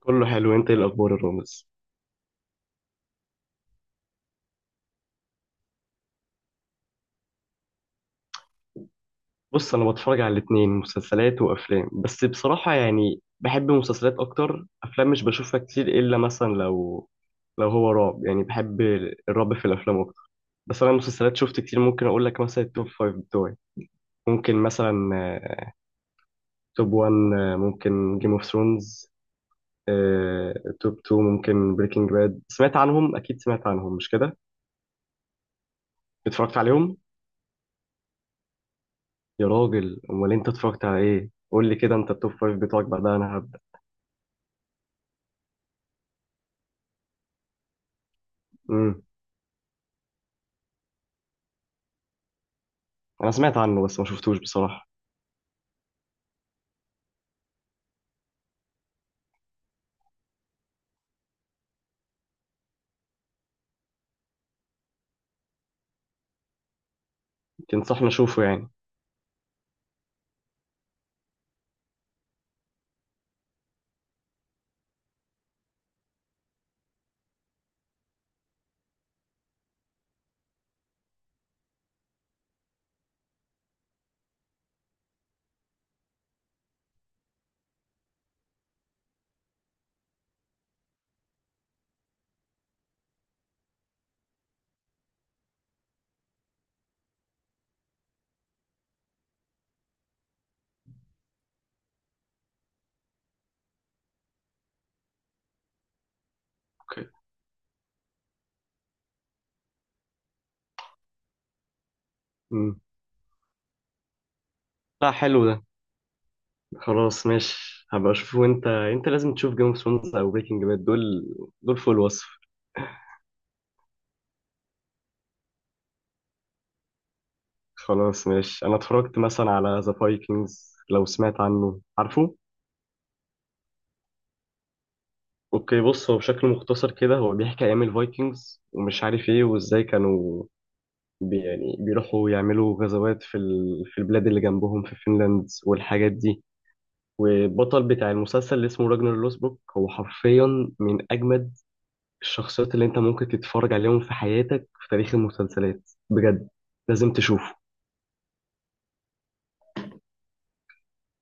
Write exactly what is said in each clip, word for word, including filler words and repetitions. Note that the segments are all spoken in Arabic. كله حلو. انت ايه الاخبار الرامز؟ بص، انا بتفرج على الاتنين، مسلسلات وافلام. بس بصراحه يعني بحب مسلسلات اكتر. افلام مش بشوفها كتير الا مثلا لو لو هو رعب، يعني بحب الرعب في الافلام اكتر. بس انا مسلسلات شفت كتير. ممكن اقول لك مثلا التوب فايف بتوعي. ممكن مثلا آه، توب وان آه، ممكن جيم اوف ثرونز. توب تو ممكن بريكنج باد. سمعت عنهم؟ اكيد سمعت عنهم، مش كده؟ اتفرجت عليهم؟ يا راجل، امال انت اتفرجت على ايه؟ قول لي كده انت التوب فايف بتوعك بعدها انا. امم. انا سمعت عنه بس ما شفتوش بصراحة. تنصحني اشوفه يعني؟ اوكي. امم. لا، حلو ده. خلاص ماشي، هبقى اشوفه. وانت انت لازم تشوف جيم اوف ثرونز او بريكنج باد. دول دول فوق الوصف. خلاص ماشي، انا اتفرجت مثلا على ذا فايكنجز، لو سمعت عنه، عارفه. اوكي، بص، هو بشكل مختصر كده هو بيحكي ايام الفايكنجز ومش عارف ايه وازاي كانوا بي يعني بيروحوا يعملوا غزوات في ال... في البلاد اللي جنبهم في فنلاند والحاجات دي. والبطل بتاع المسلسل اللي اسمه راجنر لوسبروك هو حرفيا من أجمد الشخصيات اللي أنت ممكن تتفرج عليهم في حياتك في تاريخ المسلسلات بجد. لازم تشوفه.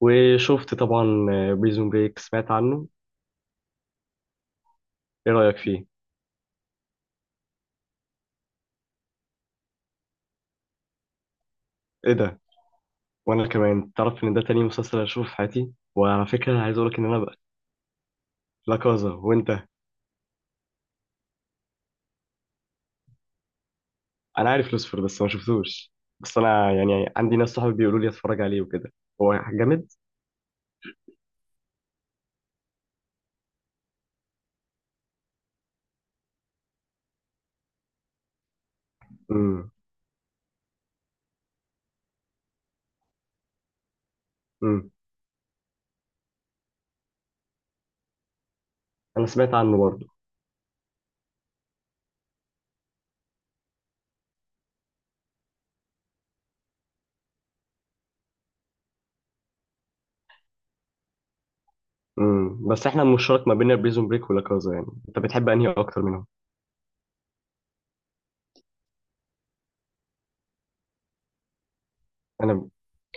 وشفت طبعا بريزون بريك، سمعت عنه؟ إيه رأيك فيه؟ إيه ده؟ وأنا كمان تعرف إن ده تاني مسلسل أشوفه في حياتي، وعلى فكرة عايز أقولك إن أنا بقى لا كازا. وأنت؟ أنا عارف لوسفر بس ما شفتوش. بس أنا يعني عندي ناس صحابي بيقولوا لي أتفرج عليه وكده. هو جامد؟ امم. امم. أنا سمعت عنه برضه. امم. بس احنا المشترك ما بيننا بريزون بريك ولا كازا، يعني انت بتحب انهي اكتر منهم؟ انا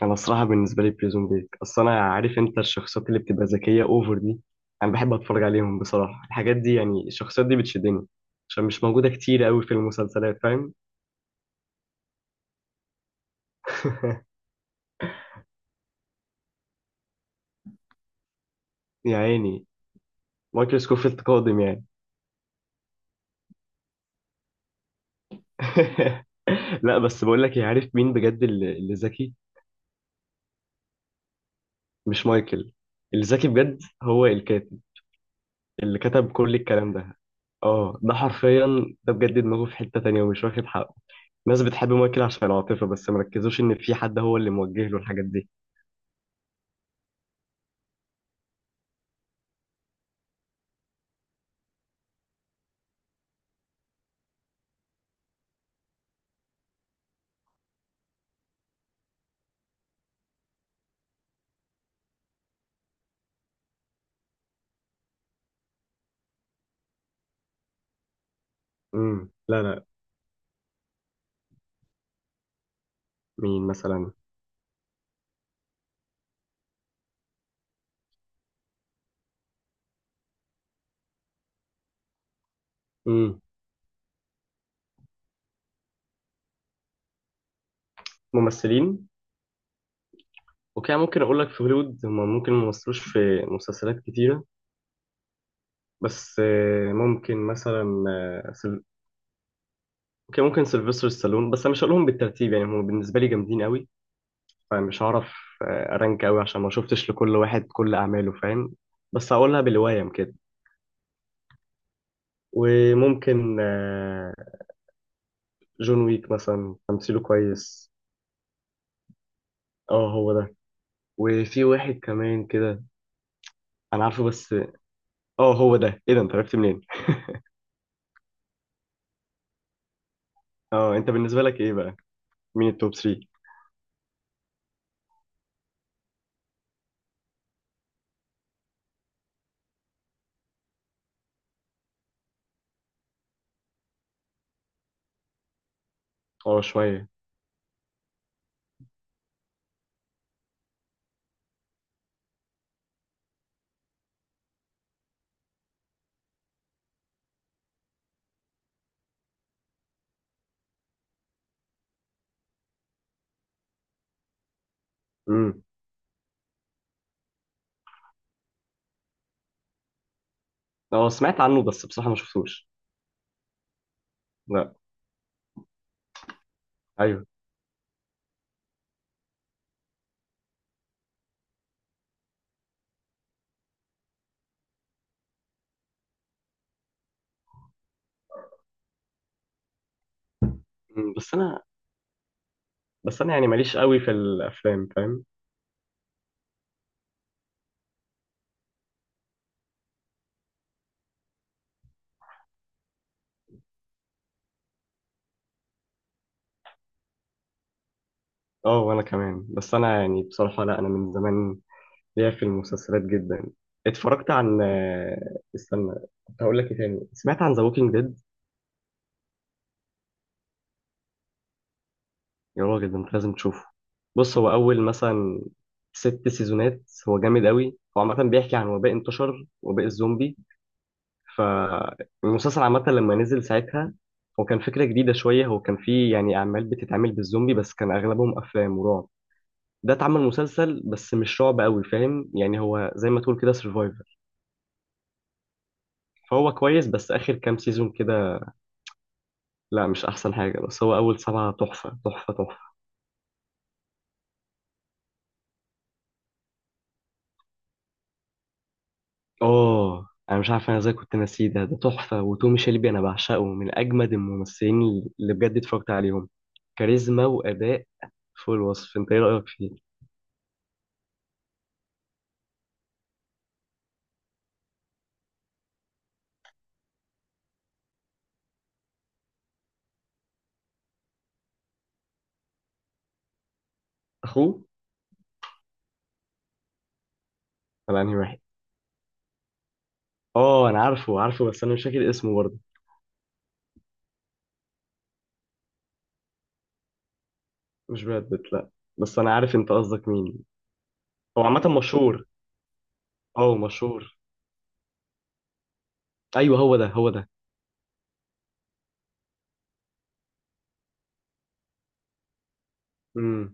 انا الصراحه بالنسبه لي بريزون بريك. اصل انا عارف انت الشخصيات اللي بتبقى ذكيه اوفر دي انا بحب اتفرج عليهم بصراحه. الحاجات دي يعني الشخصيات دي بتشدني عشان مش موجوده كتير قوي في المسلسلات، فاهم؟ يا عيني. مايكل سكوفيلد قادم يعني. لا، بس بقول لك إيه، عارف مين بجد اللي اللي ذكي؟ مش مايكل. اللي ذكي بجد هو الكات اللي كتب كل الكلام ده. اه، ده حرفيا، ده بجد دماغه في حتة تانية ومش واخد حقه. الناس بتحب مايكل عشان العاطفة بس مركزوش إن في حد هو اللي موجه له الحاجات دي. امم. لا لا. مين مثلا؟ امم. ممثلين. اوكي، ممكن أقول لك في هوليوود هما ممكن ممثلوش في مسلسلات كتيرة، بس آه، ممكن مثلا آه، سل... اوكي ممكن سيلفستر ستالون. بس أنا مش هقولهم بالترتيب، يعني هما بالنسبة لي جامدين قوي فمش هعرف آه، أرانك قوي عشان ما شفتش لكل واحد كل أعماله، فاهم؟ بس هقولها بالوايم كده. وممكن آه، جون ويك مثلا، تمثيله كويس. اه، هو ده. وفي واحد كمان كده. انا عارفه، بس اه هو ده. ايه ده، انت عرفت منين؟ اه، انت بالنسبه لك ايه بقى؟ مين التوب ثري؟ اه، شويه. امم. اه، سمعت عنه بس بصراحه ما شفتوش. لا. ايوه. مم. بس انا بس انا يعني ماليش قوي في الافلام، فاهم؟ اه، وانا كمان. بس انا يعني بصراحه، لا، انا من زمان ليا في المسلسلات جدا. اتفرجت عن آه، استنى، كنت هقول لك ايه تاني. سمعت عن ذا ووكينج ديد؟ يا راجل، ده انت لازم تشوفه. بص، هو اول مثلا ست سيزونات، هو جامد قوي. هو عامه بيحكي عن وباء انتشر، وباء الزومبي. فالمسلسل عامه لما نزل ساعتها، هو كان فكره جديده شويه. هو كان فيه يعني اعمال بتتعمل بالزومبي بس كان اغلبهم افلام ورعب. ده اتعمل مسلسل بس مش رعب قوي، فاهم يعني؟ هو زي ما تقول كده سرفايفر. فهو كويس بس اخر كام سيزون كده لا، مش احسن حاجه. بس هو اول سبعه تحفه تحفه تحفه. اه، انا مش عارف انا ازاي كنت ناسيه ده ده تحفه. وتومي شيلبي انا بعشقه، من اجمد الممثلين اللي بجد اتفرجت عليهم. كاريزما واداء فوق الوصف. انت ايه رايك فيه؟ اخوه؟ ولا انهي واحد؟ اه انا عارفه عارفه، بس انا مش فاكر اسمه برضه. مش براد بيت، لا. بس انا عارف انت قصدك مين. هو عامه مشهور. اه، مشهور. ايوه، هو ده هو ده. امم.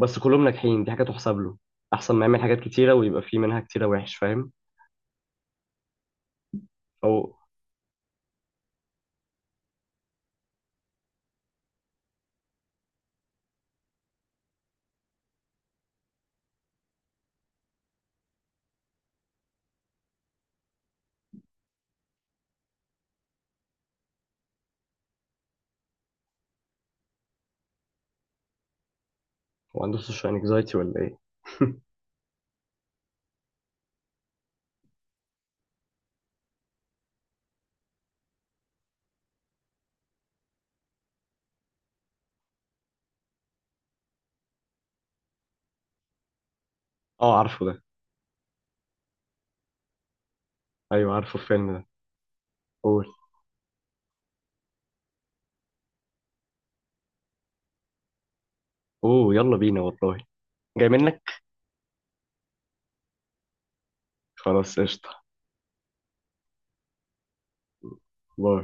بس كلهم ناجحين، دي حاجه تحسب له. احسن ما يعمل حاجات كتيره ويبقى في منها كتيره وحش، فاهم؟ او، هو عنده سوشيال انكزايتي ولا ايه؟ اه، عارفه ده. ايوه، عارفه الفيلم ده. قول. اوه، يلا بينا والله. جاي منك. خلاص، قشطة. باي.